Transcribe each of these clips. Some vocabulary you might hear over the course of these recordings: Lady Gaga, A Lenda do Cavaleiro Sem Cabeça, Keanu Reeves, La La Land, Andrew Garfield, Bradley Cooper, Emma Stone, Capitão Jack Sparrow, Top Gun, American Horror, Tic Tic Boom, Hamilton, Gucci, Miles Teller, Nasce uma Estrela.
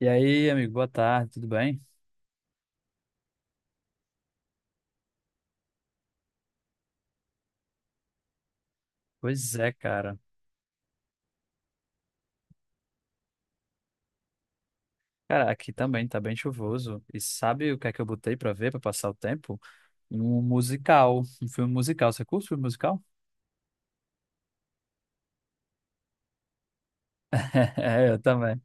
E aí, amigo, boa tarde, tudo bem? Pois é, cara. Cara, aqui também tá bem chuvoso. E sabe o que é que eu botei pra ver, pra passar o tempo? Um musical, um filme musical. Você curte filme musical? É, eu também.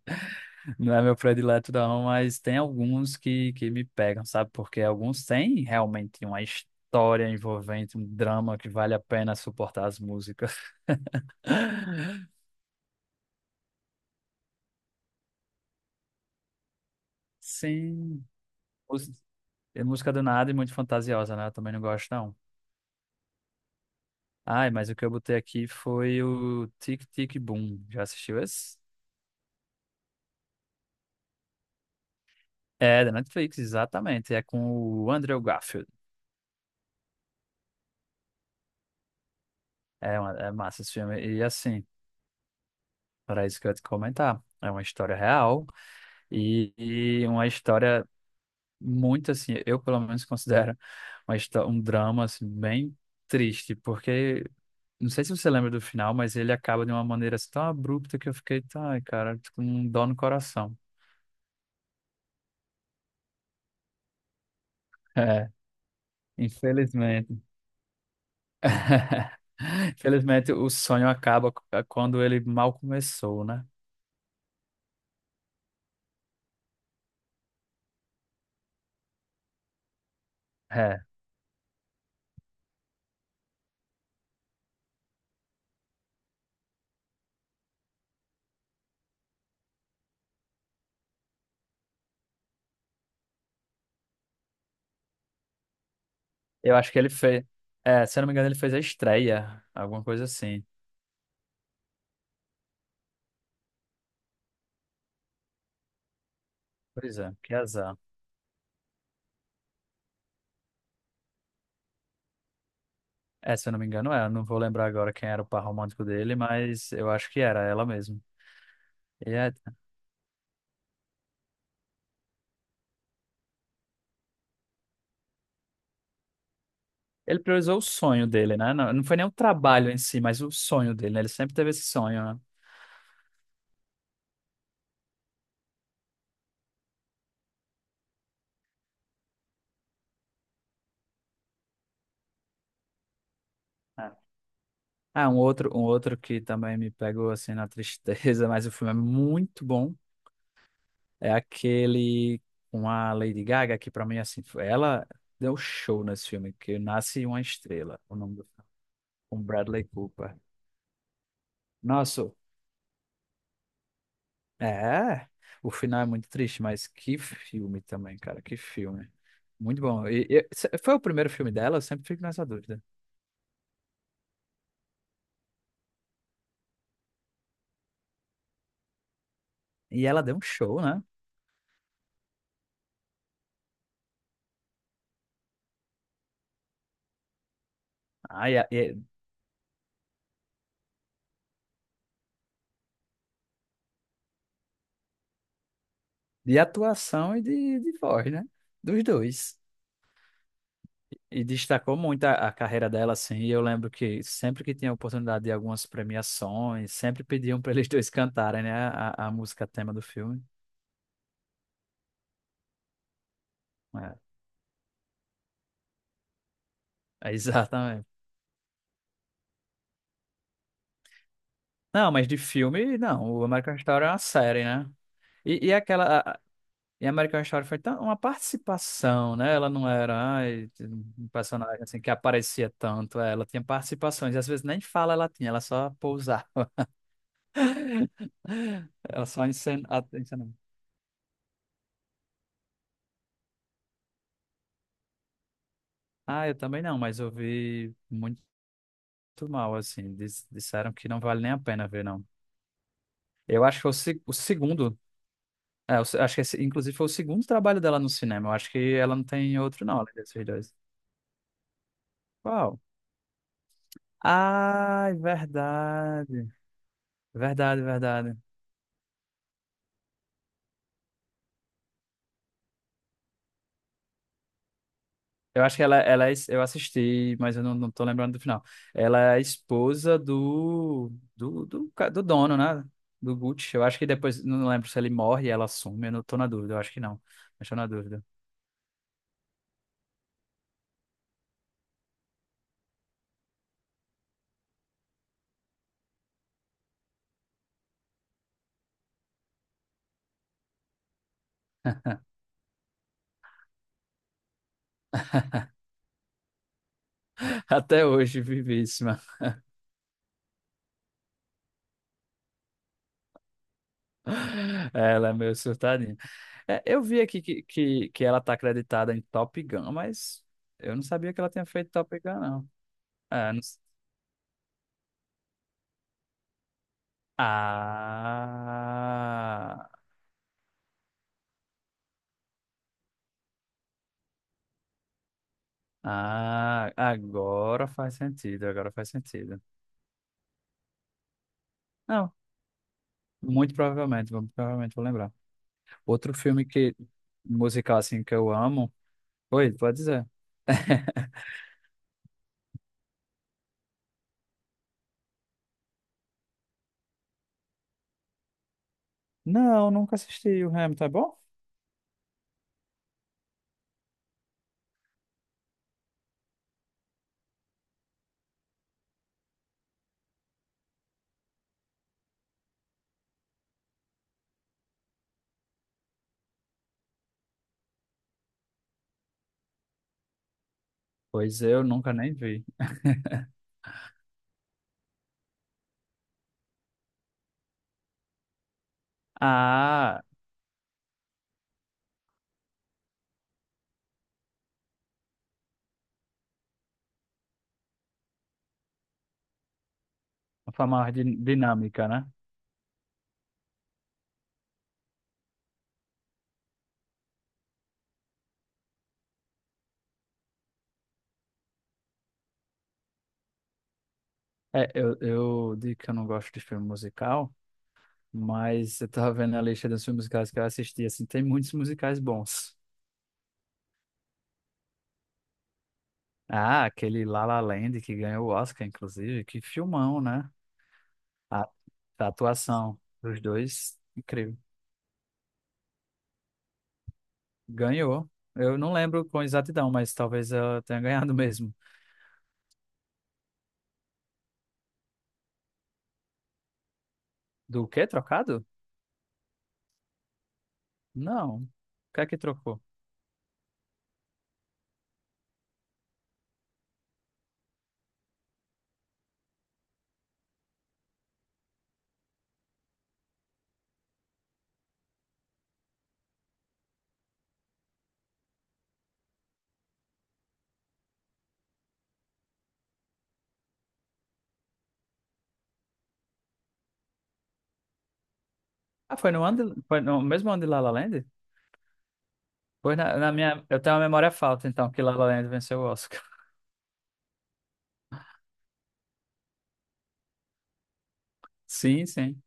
Não é meu predileto não, mas tem alguns que me pegam, sabe? Porque alguns têm realmente uma história envolvente, um drama que vale a pena suportar as músicas. Sim. Mús- É música do nada e muito fantasiosa, né? Eu também não gosto, não. Ai, mas o que eu botei aqui foi o Tic Tic Boom. Já assistiu esse? É, da Netflix, exatamente. É com o Andrew Garfield. É, é massa esse filme. E assim, era isso que eu ia te comentar. É uma história real e uma história muito assim, eu pelo menos considero um drama assim, bem triste, porque não sei se você lembra do final, mas ele acaba de uma maneira assim, tão abrupta que eu fiquei, tá, ai, cara, tô com um dó no coração. É, infelizmente. Infelizmente, o sonho acaba quando ele mal começou, né? É, eu acho que ele fez. É, se eu não me engano, ele fez a estreia, alguma coisa assim. Pois é, que azar. É, se eu não me engano, é. Eu não vou lembrar agora quem era o par romântico dele, mas eu acho que era ela mesmo. E é- Ele priorizou o sonho dele, né? Não, não foi nem o trabalho em si, mas o sonho dele, né? Ele sempre teve esse sonho, né? É. Ah, um outro que também me pegou assim na tristeza, mas o filme é muito bom. É aquele com a Lady Gaga, que pra mim, assim, ela deu show nesse filme, que Nasce uma Estrela, o nome do filme, com Bradley Cooper. Nossa, é, o final é muito triste, mas que filme também, cara, que filme. Muito bom. Foi o primeiro filme dela, eu sempre fico nessa dúvida. E ela deu um show, né? Ah, de atuação e de voz, né? Dos dois. E destacou muito a carreira dela, assim. E eu lembro que sempre que tinha oportunidade de algumas premiações, sempre pediam para eles dois cantarem, né? A música tema do filme. É, é exatamente. Não, mas de filme, não. O American Horror é uma série, né? E E American Horror foi tão, uma participação, né? Ela não era ai, um personagem assim que aparecia tanto. É, ela tinha participações. E às vezes nem fala ela tinha, ela só pousava. Ela só encenava. Ah, eu também não, mas eu vi muito mal, assim. Disseram que não vale nem a pena ver, não. Eu acho que foi o segundo. É, eu acho que esse, inclusive foi o segundo trabalho dela no cinema. Eu acho que ela não tem outro, não, além desses dois. Qual? Ah, é verdade. Verdade, verdade. Eu acho que ela eu assisti, mas eu não tô lembrando do final. Ela é a esposa do dono, né? Do Gucci. Eu acho que depois, não lembro se ele morre e ela assume, eu não tô na dúvida, eu acho que não. Mas tô na dúvida. Até hoje, vivíssima. Ela é meio surtadinha. É, eu vi aqui que ela tá acreditada em Top Gun, mas eu não sabia que ela tinha feito Top Gun, não. É, não s- ah, ah, agora faz sentido, agora faz sentido. Não, muito provavelmente, provavelmente vou lembrar. Outro filme que musical assim que eu amo. Oi, pode dizer. Não, nunca assisti o Hamilton, é bom? Pois eu nunca nem vi. Ah, a forma mais dinâmica, né? É, eu digo que eu não gosto de filme musical, mas eu tava vendo a lista dos filmes musicais que eu assisti, assim, tem muitos musicais bons. Ah, aquele La La Land que ganhou o Oscar, inclusive. Que filmão, né? A, a atuação dos dois, incrível. Ganhou. Eu não lembro com exatidão, mas talvez eu tenha ganhado mesmo. Do quê? Trocado? Não. O que é que trocou? Ah, foi no mesmo ano de La La Land? Pois na minha. Eu tenho uma memória falta, então, que La La Land venceu o Oscar. Sim, sim.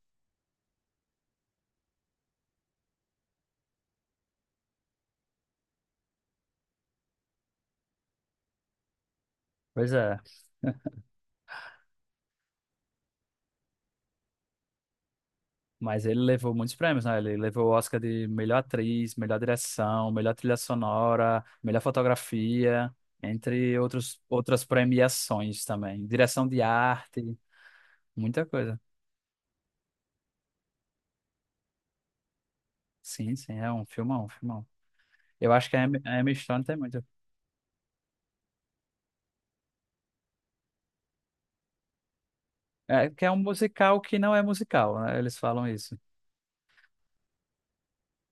Pois é. Mas ele levou muitos prêmios, né? Ele levou o Oscar de melhor atriz, melhor direção, melhor trilha sonora, melhor fotografia, entre outros, outras premiações também. Direção de arte, muita coisa. Sim, sim, é um filmão, um filmão. Eu acho que a Emma Stone tem muito. É, que é um musical que não é musical, né? Eles falam isso.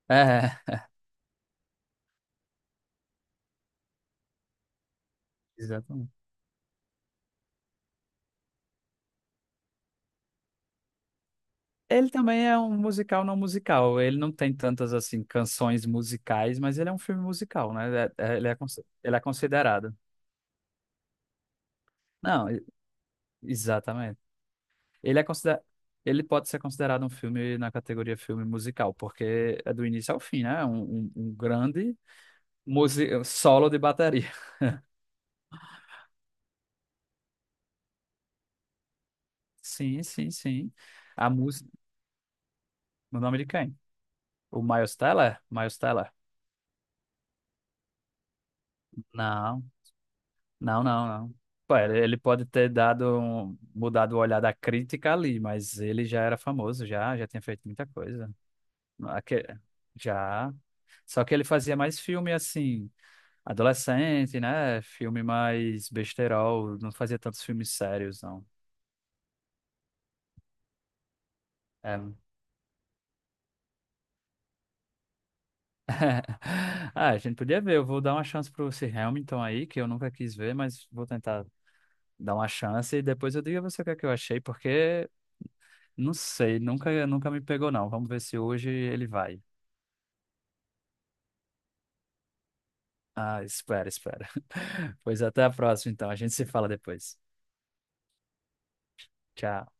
É, exatamente. Ele também é um musical não musical. Ele não tem tantas, assim, canções musicais, mas ele é um filme musical, né? Ele é considerado. Não, exatamente. Ele é considera... Ele pode ser considerado um filme na categoria filme musical, porque é do início ao fim, né? É um grande solo de bateria. Sim, sim, sim. A música. O nome de quem? O Miles Teller? Miles Teller? Não, não, não, não. Pô, ele pode ter dado mudado o olhar da crítica ali, mas ele já era famoso, já tinha feito muita coisa. Aque... Já. Só que ele fazia mais filme assim, adolescente, né? Filme mais besterol, não fazia tantos filmes sérios, não. É. Ah, a gente podia ver, eu vou dar uma chance pro esse Hamilton aí, que eu nunca quis ver, mas vou tentar dar uma chance e depois eu digo a você o que é que eu achei, porque não sei, nunca me pegou não. Vamos ver se hoje ele vai. Ah, espera, espera. Pois até a próxima, então. A gente se fala depois. Tchau.